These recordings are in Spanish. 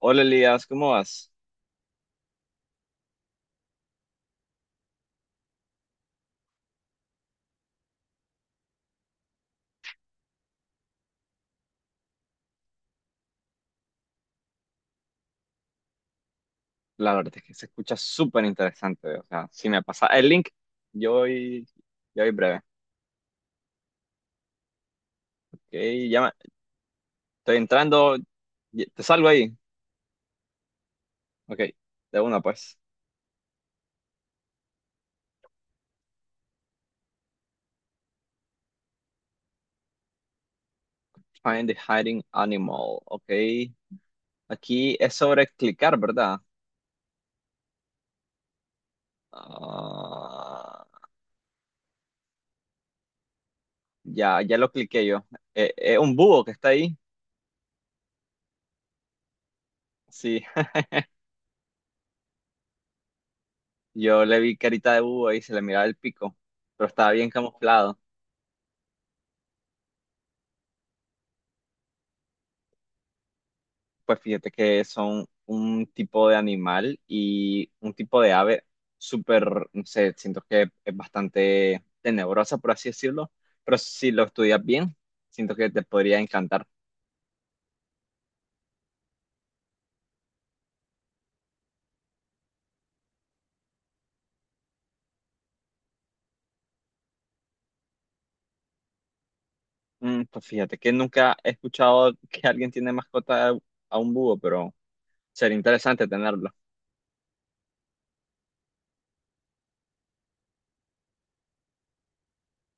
Hola Elías, ¿cómo vas? La verdad es que se escucha súper interesante. O sea, si me pasa el link, yo voy, yo voy breve. Ok, ya me- estoy entrando, te salgo ahí. Ok, de una pues. Find the hiding animal. Ok, aquí es sobre clicar, ¿verdad? Ah, ya lo cliqué yo. Es un búho que está ahí. Sí, yo le vi carita de búho ahí, se le miraba el pico, pero estaba bien camuflado. Pues fíjate que son un tipo de animal y un tipo de ave súper, no sé, siento que es bastante tenebrosa, por así decirlo, pero si lo estudias bien, siento que te podría encantar. Mm, pues fíjate que nunca he escuchado que alguien tiene mascota a un búho, pero sería interesante tenerlo.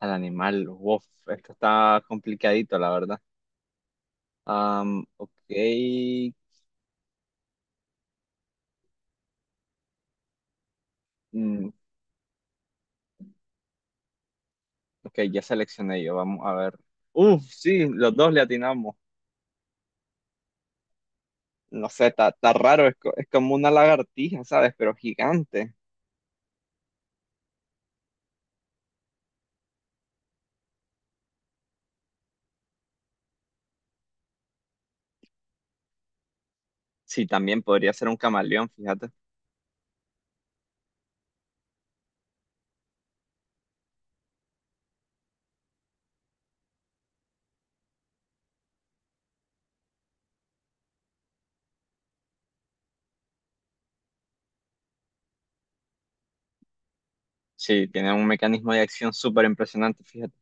Al animal, wow, esto está complicadito, la verdad. Ok, mm, ok, ya seleccioné yo, vamos a ver. Uf, sí, los dos le atinamos. No sé, está raro, es, es como una lagartija, ¿sabes? Pero gigante. Sí, también podría ser un camaleón, fíjate. Sí, tiene un mecanismo de acción súper impresionante, fíjate.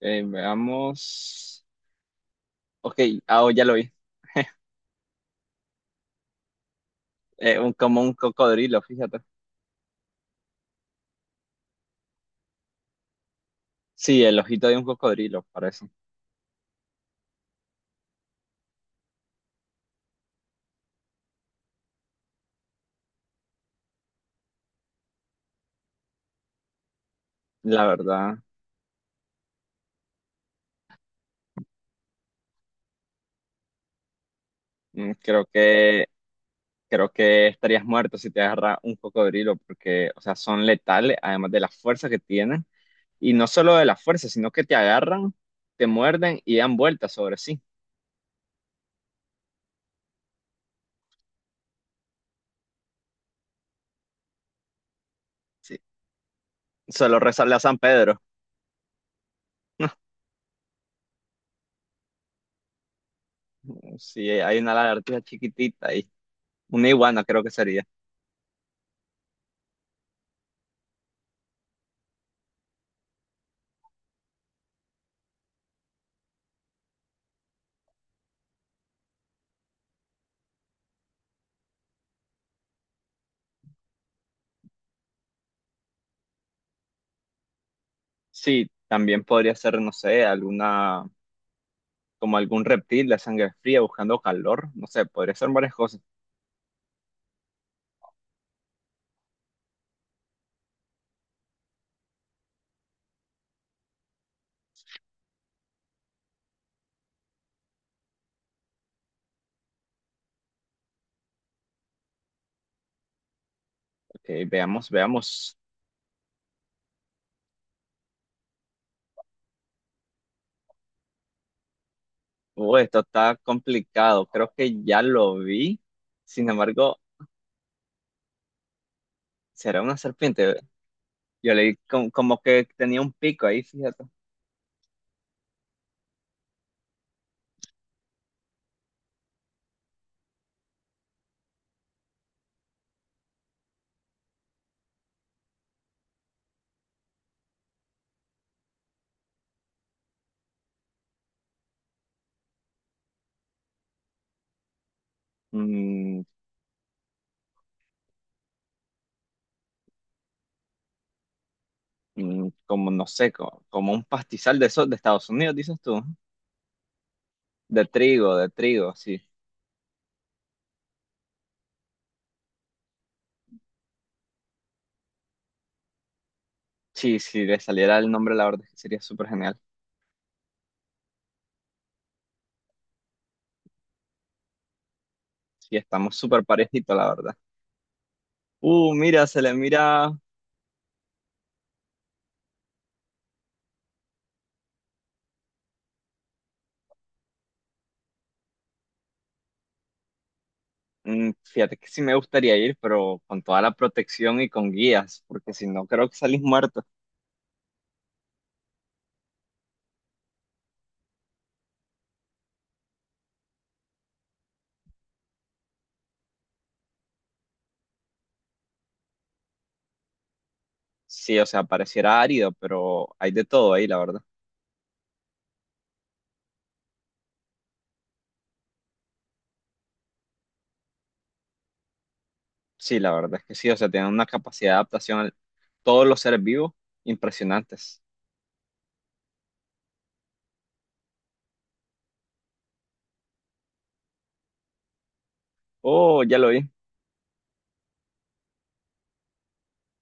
Veamos. Ok, ah, oh, ya lo vi. Un, como un cocodrilo, fíjate. Sí, el ojito de un cocodrilo, parece. La verdad, mm, creo que, creo que estarías muerto si te agarra un cocodrilo, porque, o sea, son letales, además de la fuerza que tienen. Y no solo de la fuerza, sino que te agarran, te muerden y dan vueltas sobre sí. Sí, solo rezarle a San Pedro. Sí, hay una lagartija chiquitita ahí. Una iguana creo que sería. Sí, también podría ser, no sé, alguna, como algún reptil de sangre fría buscando calor. No sé, podría ser varias cosas. Ok, veamos, veamos. Uy, esto está complicado. Creo que ya lo vi. Sin embargo, será una serpiente. Yo leí como que tenía un pico ahí, fíjate. Mm, como, no sé, como, un pastizal de esos de Estados Unidos, dices tú. De trigo, sí. Sí, si le saliera el nombre, la verdad es que sería súper genial. Sí, estamos súper parejitos, la verdad. Mira, se le mira. Fíjate que sí me gustaría ir, pero con toda la protección y con guías, porque si no, creo que salís muerto. Sí, o sea, pareciera árido, pero hay de todo ahí, la verdad. Sí, la verdad es que sí, o sea, tienen una capacidad de adaptación a todos los seres vivos impresionantes. Oh, ya lo vi.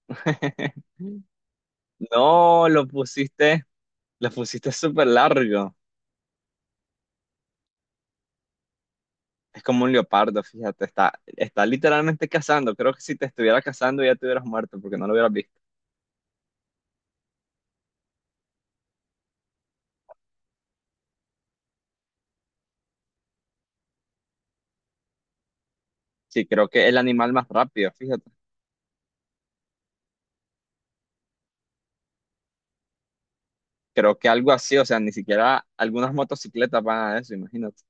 No, lo pusiste súper largo. Es como un leopardo, fíjate, está literalmente cazando. Creo que si te estuviera cazando ya te hubieras muerto porque no lo hubieras visto. Sí, creo que es el animal más rápido, fíjate. Creo que algo así, o sea, ni siquiera algunas motocicletas van a eso, imagínate.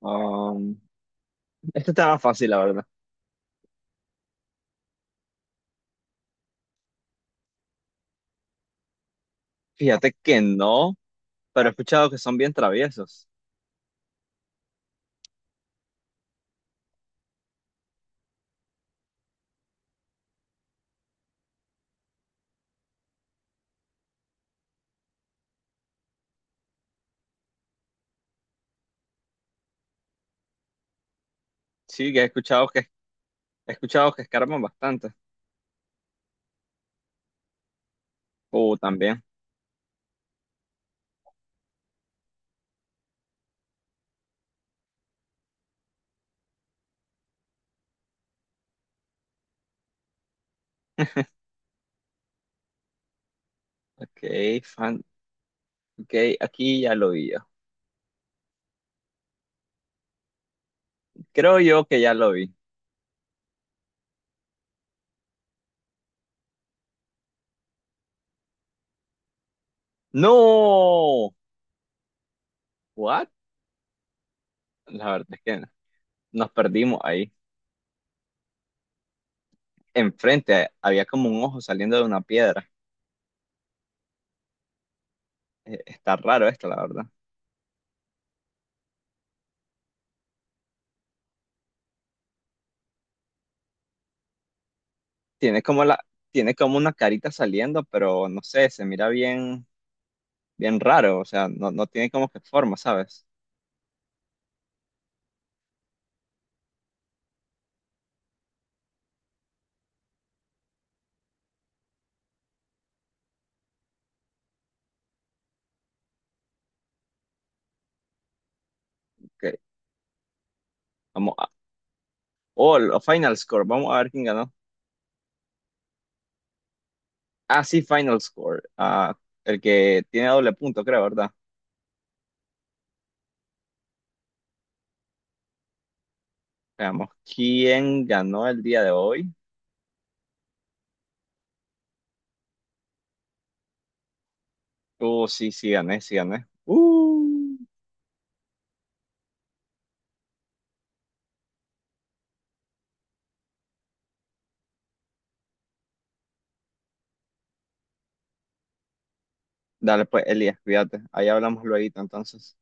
Um, este estaba fácil, la verdad. Fíjate que no, pero he escuchado que son bien traviesos. Sí, he escuchado que escarban bastante. También. Ok, fan. Ok, aquí ya lo vi yo. Creo yo que ya lo vi. ¡No! ¿What? La verdad es que no. Nos perdimos ahí. Enfrente había como un ojo saliendo de una piedra. Está raro esto, la verdad. Tiene como la, tiene como una carita saliendo, pero no sé, se mira bien, bien raro. O sea, no, no tiene como que forma, ¿sabes? Que vamos a, oh, Final Score. Vamos a ver quién ganó. Ah, sí, Final Score. Ah, el que tiene doble punto, creo, ¿verdad? Veamos, ¿quién ganó el día de hoy? Sí, sí, gané, sí, gané. Dale pues, Elías, cuídate. Ahí hablamos luego, entonces.